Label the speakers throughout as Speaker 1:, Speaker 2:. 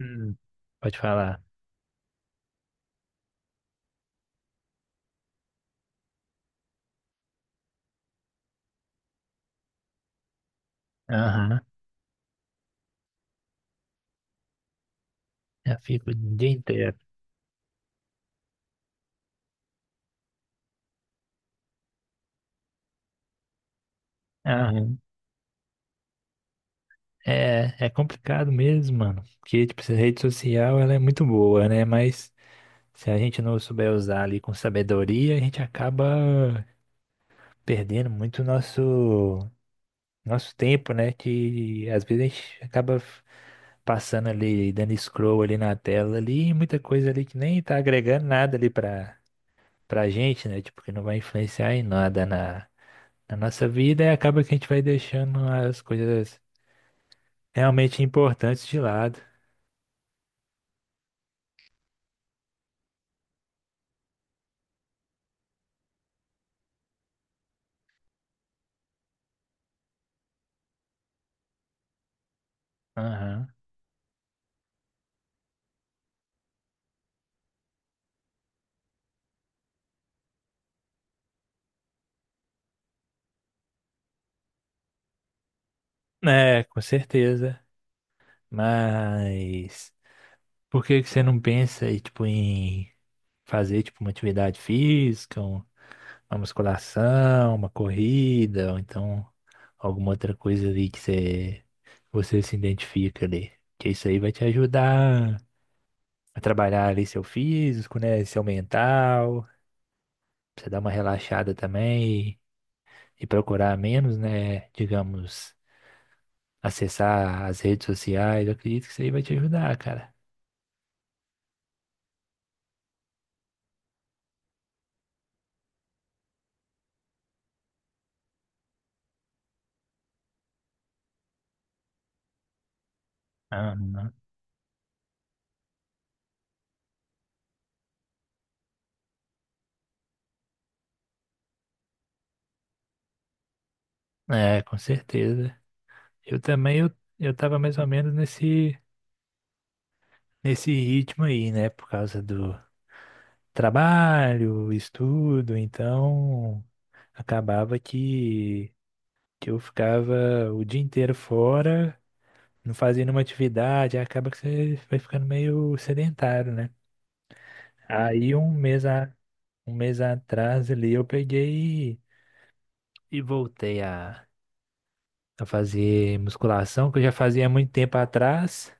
Speaker 1: Hum, pode falar. Aham. Já fico o dia inteiro. Aham. É, é complicado mesmo, mano. Porque, tipo, essa rede social, ela é muito boa, né? Mas se a gente não souber usar ali com sabedoria, a gente acaba perdendo muito nosso tempo, né? Que às vezes a gente acaba passando ali, dando scroll ali na tela ali, e muita coisa ali que nem tá agregando nada ali pra gente, né? Tipo, que não vai influenciar em nada na nossa vida e acaba que a gente vai deixando as coisas realmente importantes de lado. Aham. É, com certeza. Mas por que que você não pensa aí, tipo, em fazer tipo uma atividade física, uma musculação, uma corrida, ou então alguma outra coisa ali que você se identifica ali? Que isso aí vai te ajudar a trabalhar ali seu físico, né? Seu mental. Pra você dar uma relaxada também e procurar menos, né? Digamos, acessar as redes sociais. Eu acredito que isso aí vai te ajudar, cara. Aham. É, com certeza. Eu também, eu tava mais ou menos nesse ritmo aí, né? Por causa do trabalho, estudo, então acabava que eu ficava o dia inteiro fora, não fazia nenhuma atividade, aí acaba que você vai ficando meio sedentário, né? Aí um mês a Um mês atrás ali eu peguei e voltei a fazer musculação, que eu já fazia há muito tempo atrás,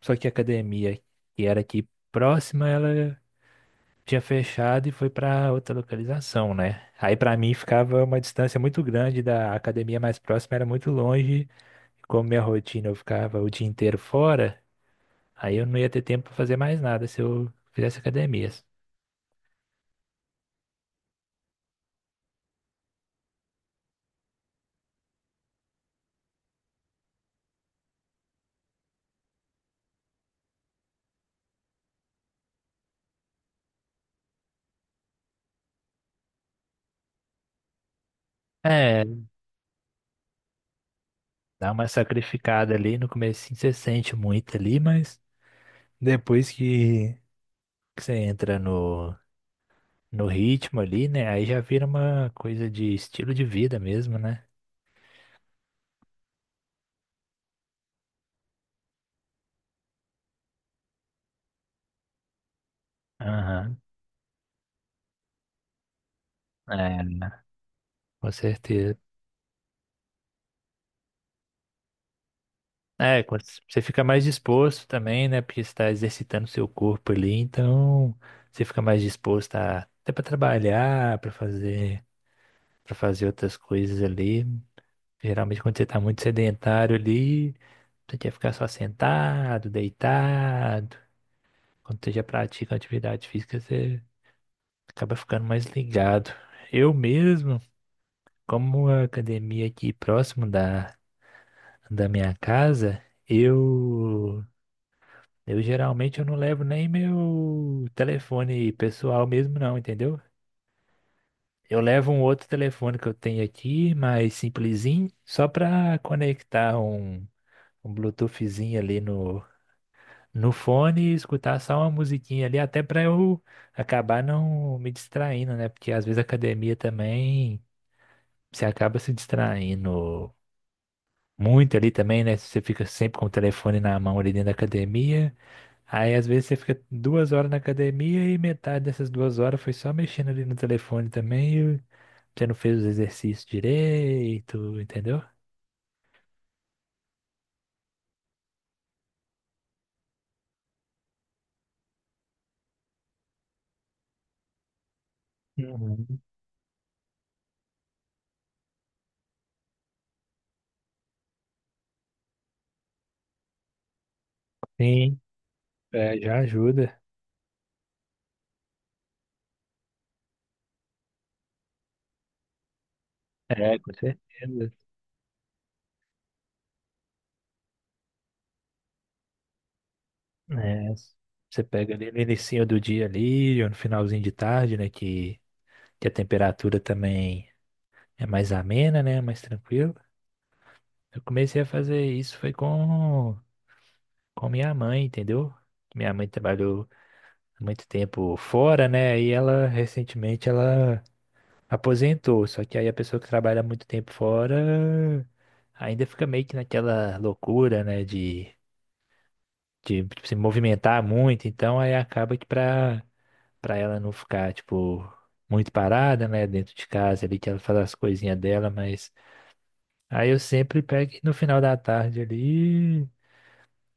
Speaker 1: só que a academia que era aqui próxima, ela tinha fechado e foi para outra localização, né? Aí para mim ficava uma distância muito grande da academia mais próxima, era muito longe, como minha rotina eu ficava o dia inteiro fora, aí eu não ia ter tempo para fazer mais nada se eu fizesse academias. É, dá uma sacrificada ali no começo, você sente muito ali, mas depois que você entra no ritmo ali, né? Aí já vira uma coisa de estilo de vida mesmo, né? Aham. É, né? Com certeza. É, quando você fica mais disposto também, né? Porque você está exercitando seu corpo ali, então você fica mais disposto a, até para trabalhar, para para fazer outras coisas ali. Geralmente quando você tá muito sedentário ali, você quer ficar só sentado, deitado. Quando você já pratica atividade física, você acaba ficando mais ligado. Eu mesmo, como a academia aqui próximo da minha casa, eu eu geralmente eu não levo nem meu telefone pessoal mesmo não, entendeu? Eu levo um outro telefone que eu tenho aqui, mais simplesinho, só para conectar um Bluetoothzinho ali no fone e escutar só uma musiquinha ali, até para eu acabar não me distraindo, né? Porque às vezes a academia também você acaba se distraindo muito ali também, né? Você fica sempre com o telefone na mão ali dentro da academia. Aí às vezes você fica 2 horas na academia e metade dessas 2 horas foi só mexendo ali no telefone também. E você não fez os exercícios direito, entendeu? Uhum. Sim, é, já ajuda. É, com certeza. É, você pega ali no início do dia ali, ou no finalzinho de tarde, né? Que a temperatura também é mais amena, né? Mais tranquila. Eu comecei a fazer isso foi com minha mãe, entendeu? Minha mãe trabalhou há muito tempo fora, né? E ela recentemente ela aposentou. Só que aí a pessoa que trabalha muito tempo fora ainda fica meio que naquela loucura, né? De se movimentar muito. Então aí acaba que pra ela não ficar, tipo, muito parada, né? Dentro de casa ali, que ela faz as coisinhas dela, mas aí eu sempre pego e no final da tarde ali.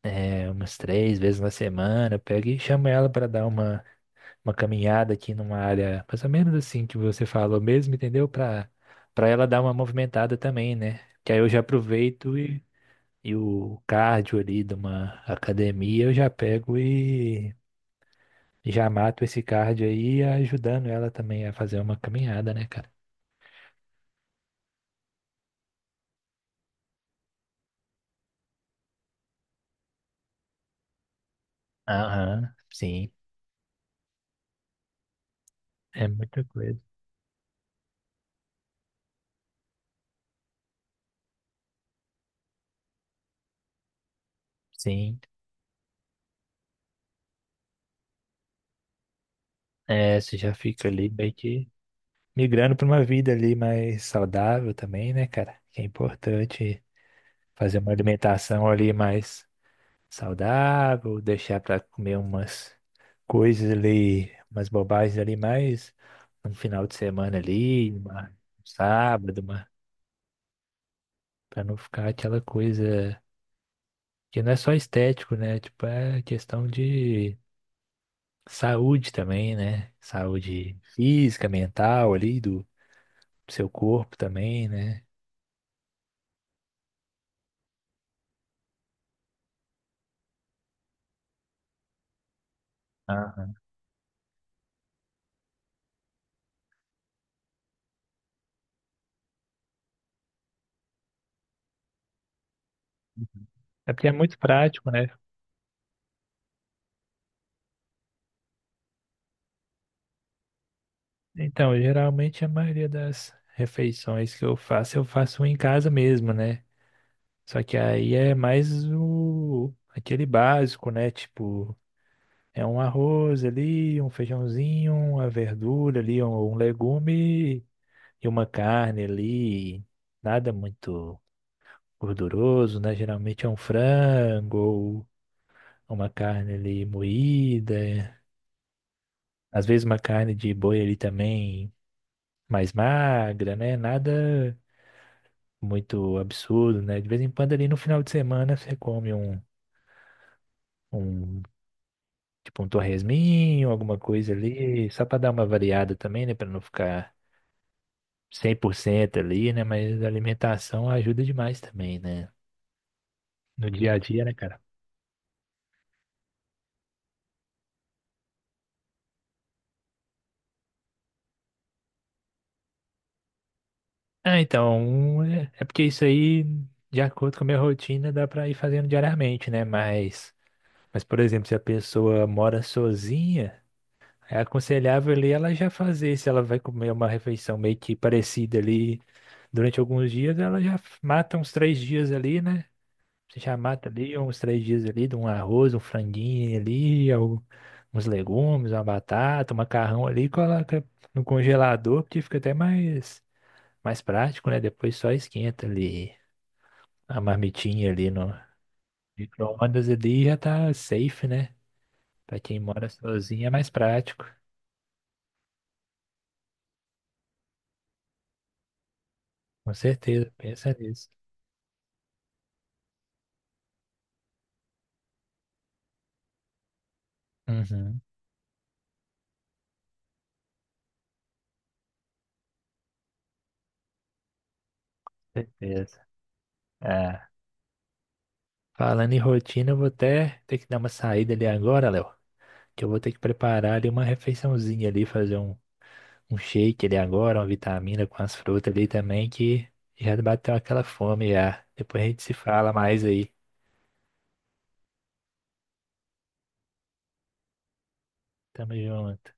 Speaker 1: É, umas 3 vezes na semana, pega e chama ela para dar uma caminhada aqui numa área mais ou menos assim que você falou mesmo, entendeu? Para ela dar uma movimentada também, né? Que aí eu já aproveito e o cardio ali de uma academia eu já pego e já mato esse cardio aí, ajudando ela também a fazer uma caminhada, né, cara? Aham, sim, é muita coisa. Sim, é, você já fica ali meio que migrando para uma vida ali mais saudável também, né, cara? Que é importante fazer uma alimentação ali mais saudável, deixar para comer umas coisas ali, umas bobagens ali mais no final de semana ali, uma, um sábado, uma, para não ficar aquela coisa que não é só estético, né? Tipo, é questão de saúde também, né? Saúde física, mental ali do seu corpo também, né? Ah, é porque é muito prático, né? Então, geralmente a maioria das refeições que eu faço em casa mesmo, né? Só que aí é mais o aquele básico, né? Tipo, é um arroz ali, um feijãozinho, uma verdura ali, um legume e uma carne ali. Nada muito gorduroso, né? Geralmente é um frango ou uma carne ali moída. Às vezes uma carne de boi ali também mais magra, né? Nada muito absurdo, né? De vez em quando ali no final de semana você come um tipo um torresminho, alguma coisa ali, só para dar uma variada também, né? Para não ficar 100% ali, né? Mas a alimentação ajuda demais também, né? No dia a dia, né, cara? Ah, então, um, é porque isso aí, de acordo com a minha rotina, dá para ir fazendo diariamente, né? Mas, por exemplo, se a pessoa mora sozinha, é aconselhável ali ela já fazer, se ela vai comer uma refeição meio que parecida ali durante alguns dias, ela já mata uns 3 dias ali, né? Você já mata ali uns 3 dias ali, de um arroz, um franguinho ali, uns legumes, uma batata, um macarrão ali, e coloca no congelador, porque fica até mais prático, né? Depois só esquenta ali a marmitinha ali no micro-ondas ali e já tá safe, né? Pra quem mora sozinho é mais prático, com certeza, pensa nisso. Uhum, certeza. É. Falando em rotina, eu vou até ter que dar uma saída ali agora, Léo. Que eu vou ter que preparar ali uma refeiçãozinha ali, fazer um shake ali agora, uma vitamina com as frutas ali também, que já bateu aquela fome já. Depois a gente se fala mais aí. Tamo junto.